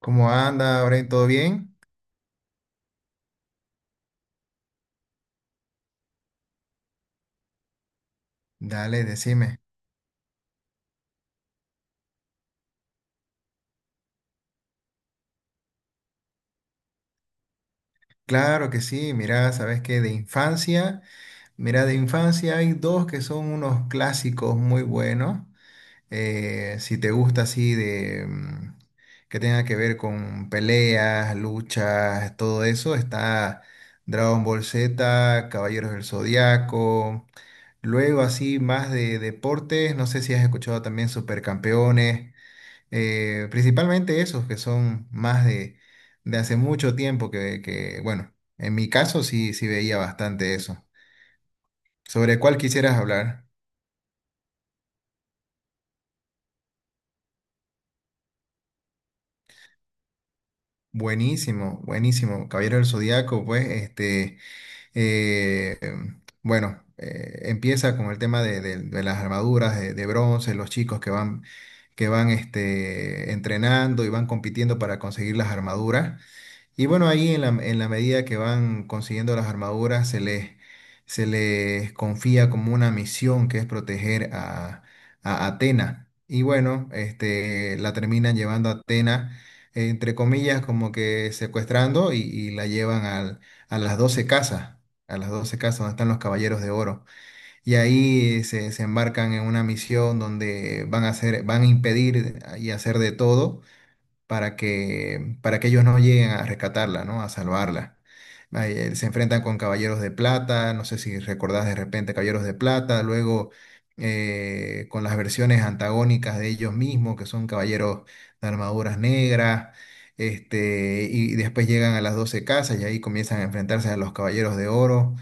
¿Cómo anda, Oren? ¿Todo bien? Dale, decime. Claro que sí, mira, sabes que mira, de infancia hay dos que son unos clásicos muy buenos. Si te gusta así que tenga que ver con peleas, luchas, todo eso, está Dragon Ball Z, Caballeros del Zodiaco. Luego así más de deportes, no sé si has escuchado también Supercampeones. Principalmente esos que son más de hace mucho tiempo que, bueno, en mi caso sí, sí veía bastante eso. ¿Sobre cuál quisieras hablar? Buenísimo, buenísimo. Caballero del Zodíaco, eh, bueno, empieza con el tema de las armaduras de bronce, los chicos que van, entrenando y van compitiendo para conseguir las armaduras. Y bueno, ahí en en la medida que van consiguiendo las armaduras, se les confía como una misión que es proteger a Atena. Y bueno, este, la terminan llevando a Atena, entre comillas, como que secuestrando y la llevan a las 12 a las 12 casas donde están los caballeros de oro. Y ahí se embarcan en una misión donde van a van a impedir y hacer de todo para que ellos no lleguen a rescatarla, ¿no? A salvarla. Se enfrentan con Caballeros de Plata, no sé si recordás de repente Caballeros de Plata, luego con las versiones antagónicas de ellos mismos, que son caballeros de armaduras negras, este, y después llegan a las 12 casas y ahí comienzan a enfrentarse a los Caballeros de Oro,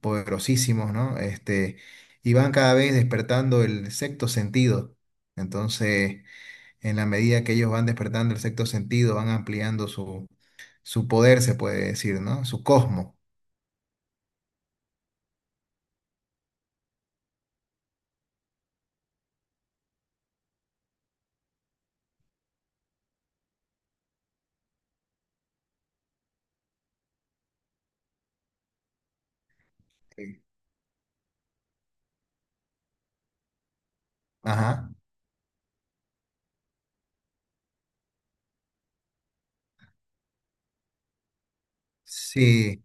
poderosísimos, ¿no? Este, y van cada vez despertando el sexto sentido. Entonces en la medida que ellos van despertando el sexto sentido, van ampliando su poder, se puede decir, ¿no? Su cosmo. Sí. Ajá. Sí.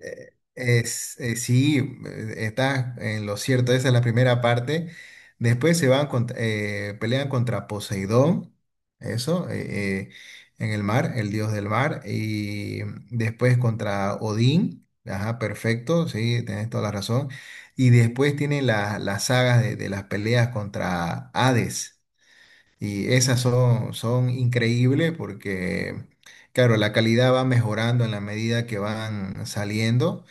Eh, Es, eh, sí, Estás en lo cierto, esa es la primera parte. Después se van pelean contra Poseidón, eso, eh, eh, en el mar, el dios del mar, y después contra Odín, ajá, perfecto, sí, tenés toda la razón. Y después tienen las sagas de las peleas contra Hades. Y esas son, son increíbles porque, claro, la calidad va mejorando en la medida que van saliendo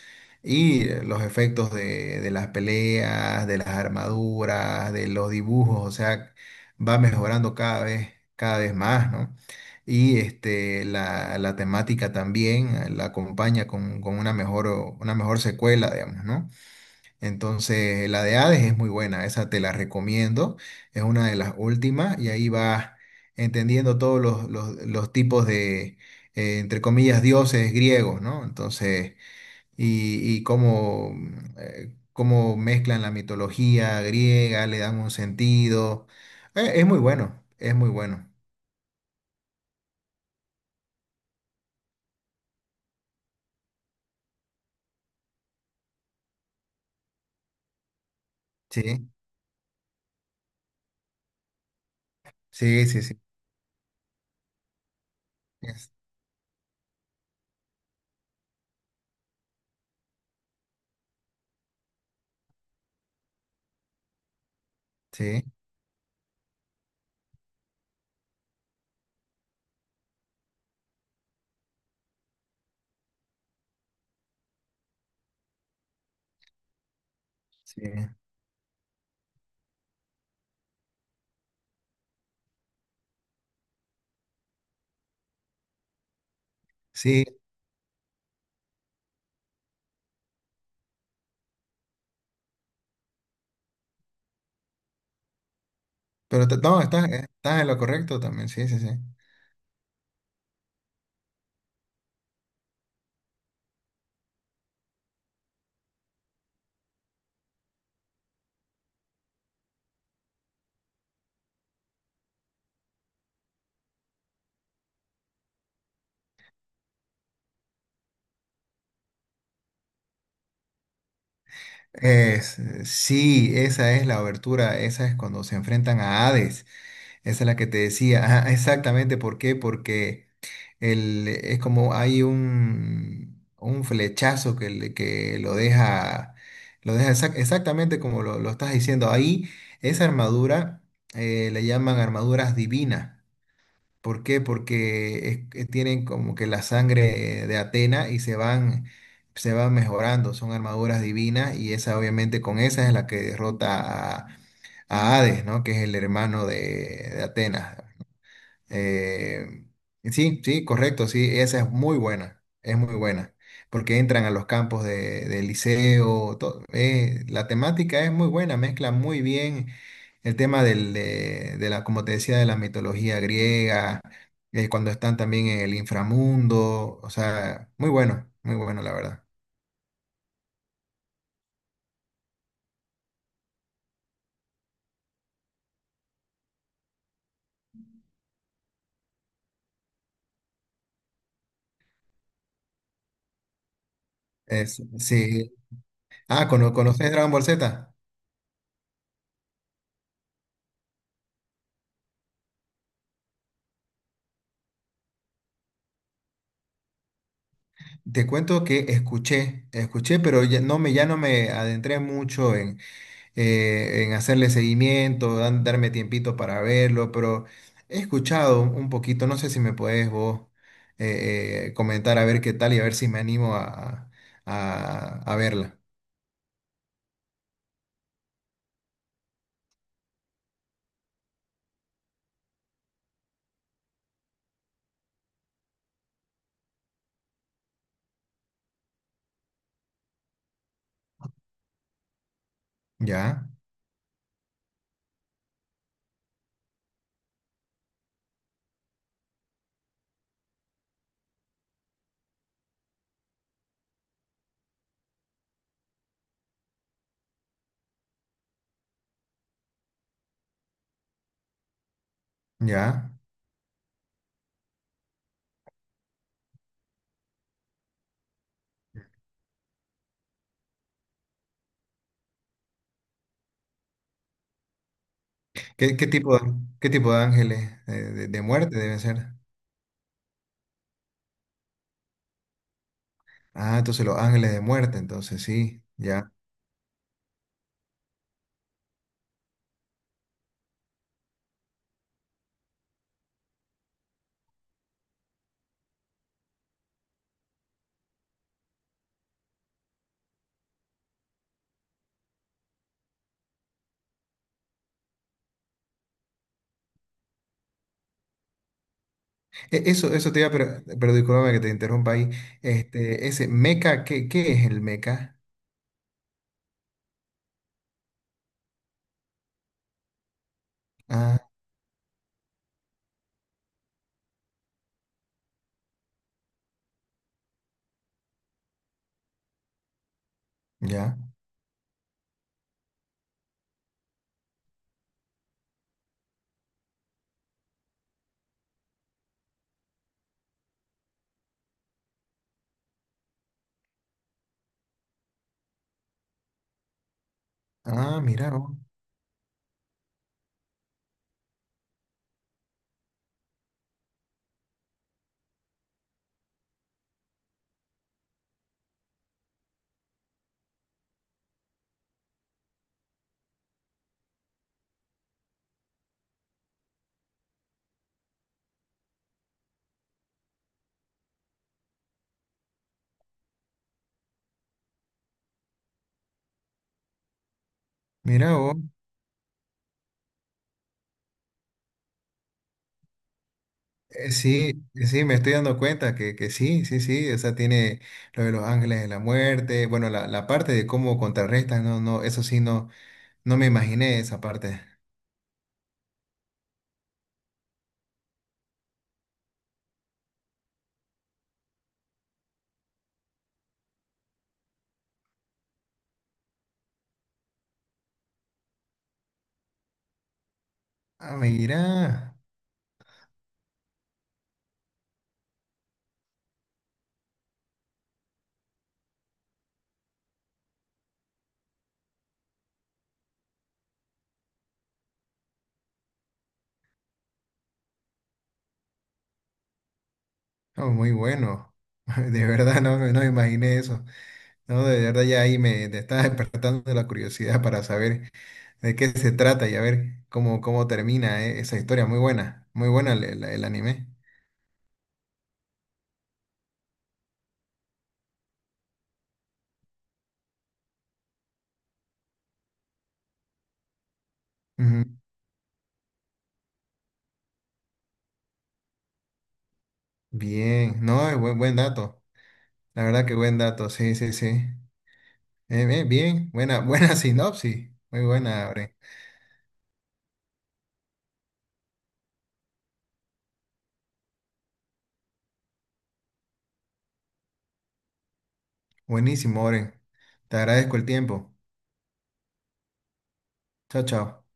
y los efectos de las peleas, de las armaduras, de los dibujos, o sea, va mejorando cada vez más, ¿no? Y este, la temática también la acompaña con una mejor secuela, digamos, ¿no? Entonces, la de Hades es muy buena, esa te la recomiendo, es una de las últimas y ahí vas entendiendo todos los tipos de, entre comillas, dioses griegos, ¿no? Entonces, y cómo mezclan la mitología griega, le dan un sentido. Es muy bueno, es muy bueno. Sí, sí, sí, sí. es- Sí, sí, sí. Sí, pero no, estás en lo correcto también, sí, sí, sí. Es, sí, esa es la obertura, esa es cuando se enfrentan a Hades, esa es la que te decía. Ajá, exactamente. ¿Por qué? Porque es como hay un flechazo que lo deja exactamente como lo estás diciendo, ahí esa armadura le llaman armaduras divinas. ¿Por qué? Porque es que tienen como que la sangre de Atena y se van mejorando, son armaduras divinas y esa obviamente con esa es la que derrota a Hades, ¿no? Que es el hermano de Atenas. Eh, sí, sí, correcto, sí, esa es muy buena, porque entran a los campos de liceo, la temática es muy buena, mezcla muy bien el tema de la, como te decía, de la mitología griega, cuando están también en el inframundo, o sea, muy bueno, muy bueno, la verdad. Sí. Ah, ¿conoces Dragon Ball Z? Te cuento que escuché, escuché, pero ya no me adentré mucho en hacerle seguimiento, darme tiempito para verlo, pero he escuchado un poquito, no sé si me puedes vos comentar a ver qué tal y a ver si me animo a verla. Ya, ya. ¿Qué, qué tipo, de- ¿Qué tipo de ángeles de muerte deben ser? Ah, entonces los ángeles de muerte, entonces sí, ya. Eso te iba a pero discúlpame que te interrumpa ahí. Este, ese meca, ¿qué es el meca? Ah, ya. Ah, mira vos. Mira vos. Sí, sí, me estoy dando cuenta que sí, sí, sí, o sea, tiene lo de los ángeles de la muerte, bueno, la parte de cómo contrarrestan, no, no, eso sí, no, no me imaginé esa parte. Ah, mira, oh, muy bueno, de verdad no, no me imaginé eso, no, de verdad ya ahí me está despertando la curiosidad para saber de qué se trata y a ver cómo, cómo termina, esa historia, muy buena el anime. Ujú. Bien, no, es buen, buen dato, la verdad que buen dato, sí, sí, sí. Bien, buena, buena sinopsis. Muy buena, Oren. Buenísimo, Oren. Te agradezco el tiempo. Chao, chao.